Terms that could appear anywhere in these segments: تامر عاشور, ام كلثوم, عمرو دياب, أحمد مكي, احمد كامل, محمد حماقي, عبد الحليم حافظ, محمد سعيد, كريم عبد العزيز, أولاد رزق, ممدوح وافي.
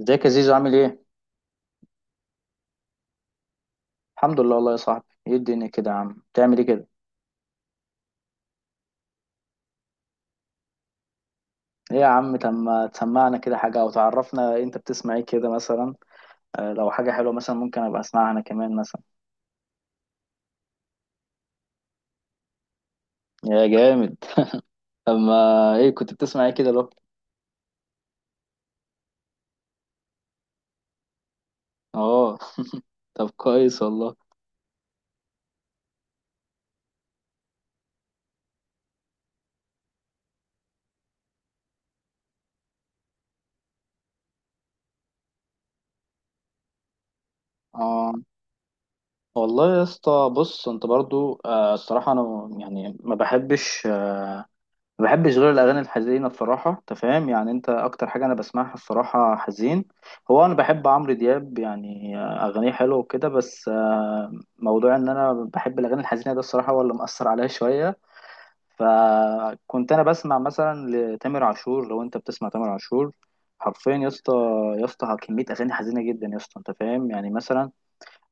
ازيك يا زيزو؟ عامل ايه؟ الحمد لله والله يا صاحبي. ايه الدنيا كده يا عم؟ بتعمل ايه كده؟ ايه يا عم، تما تسمعنا كده حاجة او تعرفنا انت بتسمع ايه كده مثلا. لو حاجة حلوة مثلا، ممكن ابقى اسمعها انا كمان مثلا. يا جامد. اما ايه كنت بتسمع ايه كده لو اه. طب كويس والله. اه والله يا اسطى، بص انت برضو الصراحة انا يعني ما بحبش غير الاغاني الحزينه بصراحه، انت فاهم يعني، انت اكتر حاجه انا بسمعها الصراحه حزين. هو انا بحب عمرو دياب، يعني اغانيه حلوه وكده، بس موضوع ان انا بحب الاغاني الحزينه ده الصراحه هو اللي مأثر عليا شويه. فكنت انا بسمع مثلا لتامر عاشور، لو انت بتسمع تامر عاشور حرفيا يا اسطى، يا اسطى كميه اغاني حزينه جدا يا اسطى، انت فاهم يعني. مثلا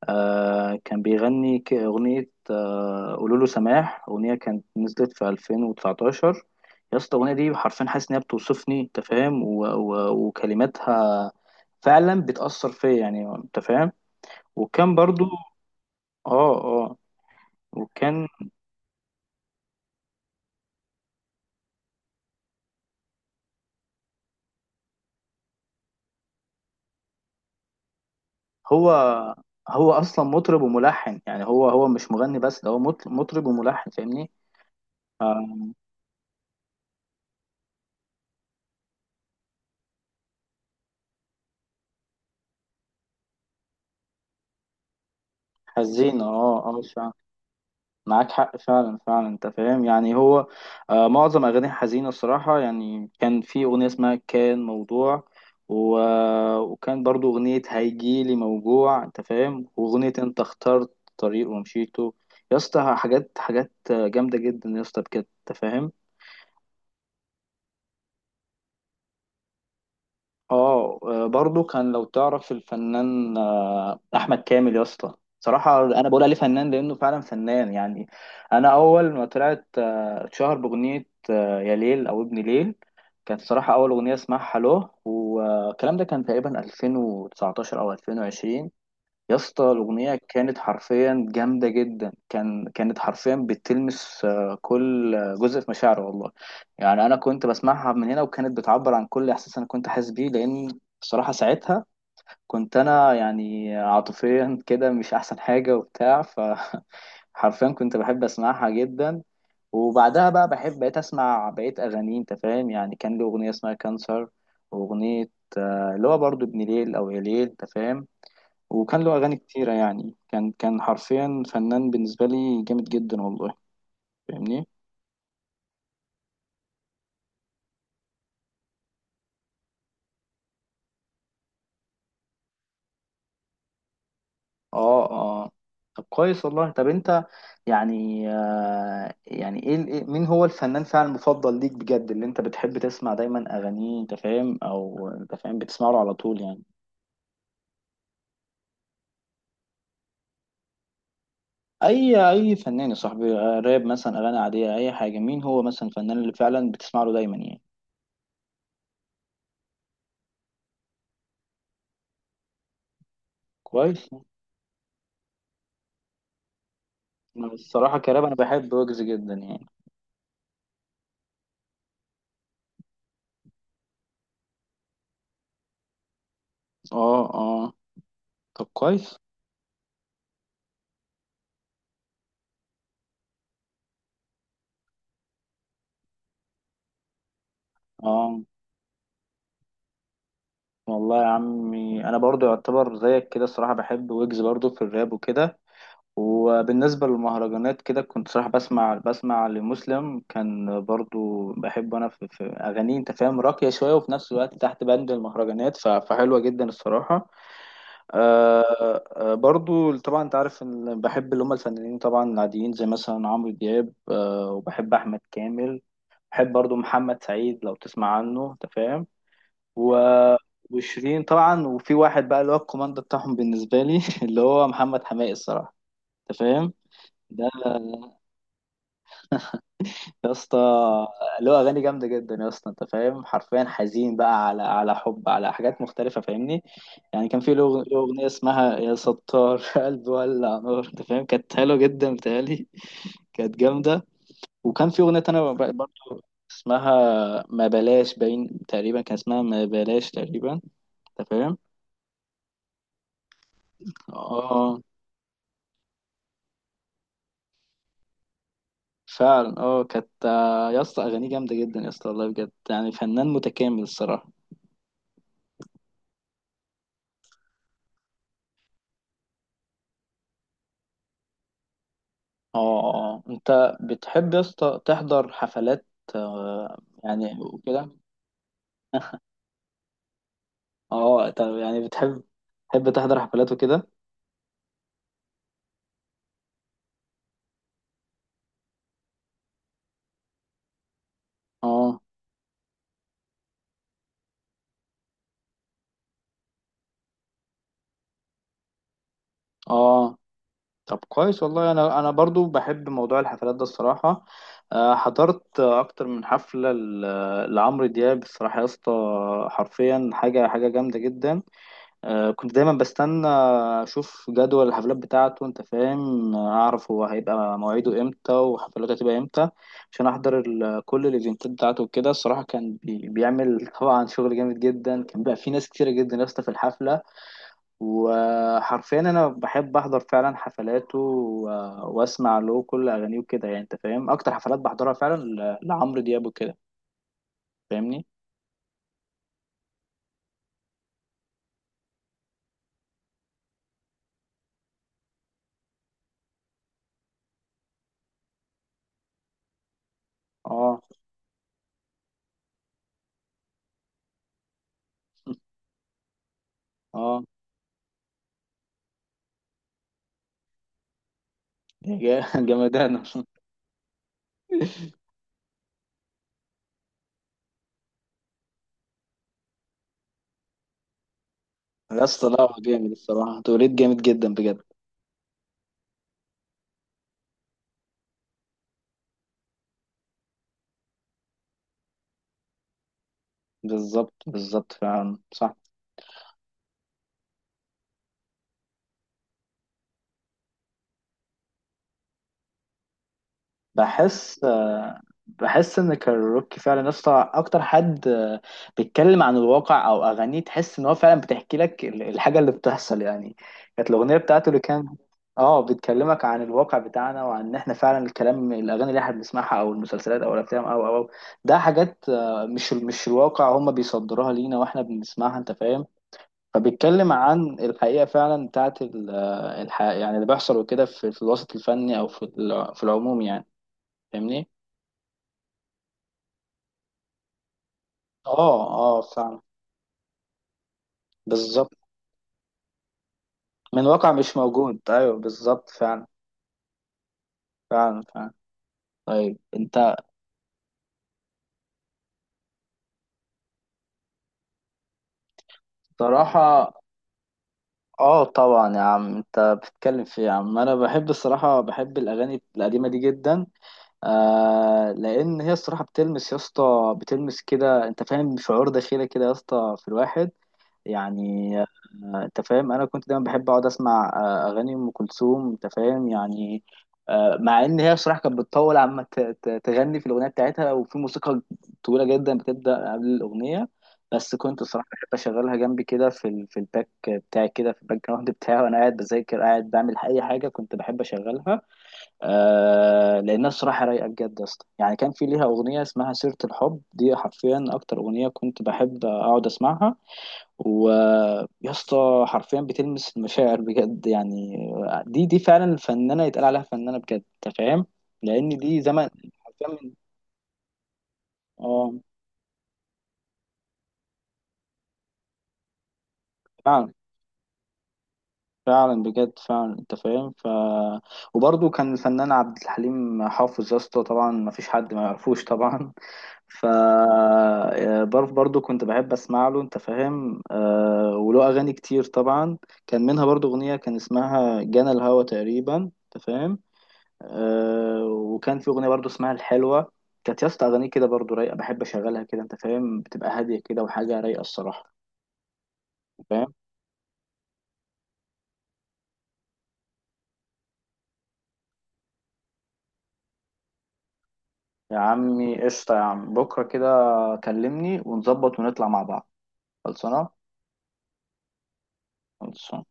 آه، كان بيغني أغنية، آه قولوا له سماح، أغنية كانت نزلت في 2019. يا اسطى الأغنية دي حرفيا حاسس إن هي بتوصفني، أنت فاهم، وكلماتها فعلا بتأثر فيا، يعني أنت فاهم. وكان برضو آه آه وكان هو هو أصلا مطرب وملحن، يعني هو مش مغني بس، ده هو مطرب وملحن، فاهمني؟ حزين آه آه. معاك حق فعلا فعلا، انت فاهم يعني. هو آه معظم اغاني حزينه الصراحه. يعني كان في اغنيه اسمها كان موضوع، و... وكان برضو اغنيه هيجيلي موجوع، انت فاهم، واغنيه انت اخترت طريق ومشيته. يا اسطى حاجات حاجات جامده جدا يا اسطى، بجد انت فاهم. اه آه، برضو كان، لو تعرف الفنان احمد كامل يا اسطى. صراحه انا بقول عليه فنان لانه فعلا فنان يعني. انا اول ما طلعت، اتشهر باغنيه آه، يا ليل او ابن ليل. كانت صراحه اول اغنيه اسمعها له، والكلام ده كان تقريبا 2019 او 2020. يا اسطى الأغنية كانت حرفيا جامدة جدا، كانت حرفيا بتلمس كل جزء في مشاعري والله. يعني أنا كنت بسمعها من هنا، وكانت بتعبر عن كل إحساس أنا كنت حاسس بيه، لأن بصراحة ساعتها كنت أنا يعني عاطفيا كده مش أحسن حاجة وبتاع. حرفيا كنت بحب اسمعها جدا. وبعدها بقى بحب بقيت اسمع بقيت اغاني، انت فاهم يعني. كان له اغنيه اسمها كانسر، واغنيه اللي هو برضو ابن ليل او يا ليل، انت فاهم. وكان له أغاني كتيرة، يعني كان حرفيا فنان بالنسبة لي جامد جدا والله. فاهمني؟ اه اه. طب كويس والله. طب انت يعني آه، يعني مين هو الفنان فعلا المفضل ليك بجد، اللي انت بتحب تسمع دايما أغانيه، انت فاهم، او انت فاهم بتسمع له على طول يعني. اي فنان يا صاحبي، راب مثلا، اغاني عادية، اي حاجة. مين هو مثلا الفنان اللي فعلا بتسمع له دايما يعني؟ كويس. أنا الصراحة كراب انا بحب ويجز جدا يعني. اه اه. طب كويس. اه والله يا عمي انا برضو يعتبر زيك كده الصراحه، بحب ويجز برضو في الراب وكده. وبالنسبه للمهرجانات كده، كنت صراحه بسمع لمسلم. كان برضو بحب انا في اغانيه، انت فاهم، راقيه شويه، وفي نفس الوقت تحت بند المهرجانات، فحلوه جدا الصراحه. آه، برضو طبعا انت عارف ان بحب اللي هم الفنانين طبعا العاديين، زي مثلا عمرو دياب وبحب احمد كامل. بحب برضو محمد سعيد، لو تسمع عنه، انت فاهم. و... وشيرين طبعا. وفي واحد بقى اللي هو الكوماندو بتاعهم بالنسبة لي، اللي هو محمد حماقي الصراحة، انت فاهم. ده يا اسطى له اغاني جامده جدا يا اسطى، انت فاهم، حرفيا حزين بقى على حب، على حاجات مختلفه، فاهمني؟ يعني كان في له اغنيه اسمها يا ستار، قلبي ولع نار، انت فاهم، كانت حلوه جدا بتهيألي، كانت جامده. وكان في اغنيه تانية، برضه اسمها ما بلاش باين، تقريبا كان اسمها ما بلاش تقريبا، انت فاهم. اه فعلا. اه كانت يا اسطى اغانيه جامده جدا يا اسطى والله بجد، يعني فنان متكامل الصراحه. اه اه، انت بتحب يا اسطى تحضر حفلات آه، يعني وكده؟ اه. آه. طب يعني بتحب تحضر حفلات وكده؟ اه اه. طب كويس والله، انا برضو بحب موضوع الحفلات ده الصراحه. حضرت اكتر من حفله لعمرو دياب الصراحه يا اسطى، حرفيا حاجه حاجه جامده جدا. كنت دايما بستنى اشوف جدول الحفلات بتاعته، انت فاهم، اعرف هو هيبقى مواعيده امتى وحفلاته هتبقى امتى، عشان احضر كل الايفنتات بتاعته وكده الصراحه. كان بيعمل طبعا شغل جامد جدا. كان بقى في ناس كتيره جدا لسه في الحفله. وحرفيا انا بحب احضر فعلا حفلاته، واسمع له كل اغانيه وكده، يعني انت فاهم، اكتر حفلات بحضرها فعلا لعمرو دياب وكده، فاهمني؟ اه اه. جامدانه. يا اسطى لا هو جامد الصراحة، توليد جامد جدا بجد. بالظبط بالظبط فعلا صح. بحس آه، بحس ان كاروكي فعلا يا اسطى اكتر حد بيتكلم عن الواقع، او اغانيه تحس ان هو فعلا بتحكي لك الحاجة اللي بتحصل، يعني كانت الاغنية بتاعته اللي كان. اه، بتكلمك عن الواقع بتاعنا، وعن ان احنا فعلا الكلام، الاغاني اللي احنا بنسمعها او المسلسلات او الافلام او او أو. ده حاجات مش الواقع، هم بيصدروها لينا واحنا بنسمعها، انت فاهم. فبيتكلم عن الحقيقة فعلا بتاعت الحقيقة، يعني اللي بيحصل وكده، في الوسط الفني، أو في، في العموم يعني. فاهمني؟ اه اه فعلا. بالظبط. من واقع مش موجود. أيوه بالظبط فعلا. فعلا فعلا. طيب أنت، صراحة اه طبعا يا عم أنت بتتكلم في إيه يا عم! أنا بحب الصراحة، بحب الأغاني القديمة دي جدا. آه لأن هي الصراحة بتلمس يا اسطى، بتلمس كده أنت فاهم شعور داخلي كده يا اسطى في الواحد، يعني انت فاهم. انا كنت دايما بحب اقعد اسمع اغاني ام كلثوم، انت فاهم يعني. مع ان هي بصراحه كانت بتطول عما تغني في الاغنيه بتاعتها، وفي موسيقى طويله جدا بتبدا قبل الاغنيه. بس كنت الصراحه بحب اشغلها جنبي كده، في في الباك بتاعي كده، في الباك جراوند بتاعي، وانا قاعد بذاكر قاعد بعمل اي حاجه كنت بحب اشغلها. آه لانها الصراحه رايقه بجد يا اسطى. يعني كان في ليها اغنيه اسمها سيره الحب، دي حرفيا اكتر اغنيه كنت بحب اقعد اسمعها، ويا اسطى حرفيا بتلمس المشاعر بجد يعني. دي فعلا فنانه يتقال عليها فنانه بجد، انت فاهم، لان دي زمن حرفيا من اه فعلا. فعلا بجد فعلا انت فاهم. وبرضه كان الفنان عبد الحليم حافظ يا اسطى، طبعا ما فيش حد ما يعرفوش طبعا. ف آه، برضه كنت بحب اسمع له، انت فاهم، آه وله اغاني كتير طبعا. كان منها برضه اغنيه كان اسمها جنى الهوى تقريبا، انت فاهم. آه وكان في اغنيه برضو اسمها الحلوه، كانت يا اسطى اغانيه كده برضو رايقه، بحب اشغلها كده انت فاهم، بتبقى هاديه كده وحاجه رايقه الصراحه، أنت فاهم. يا عمي قشطه يا عم، بكره كده كلمني ونظبط ونطلع مع بعض. خلصانه. خلصانه.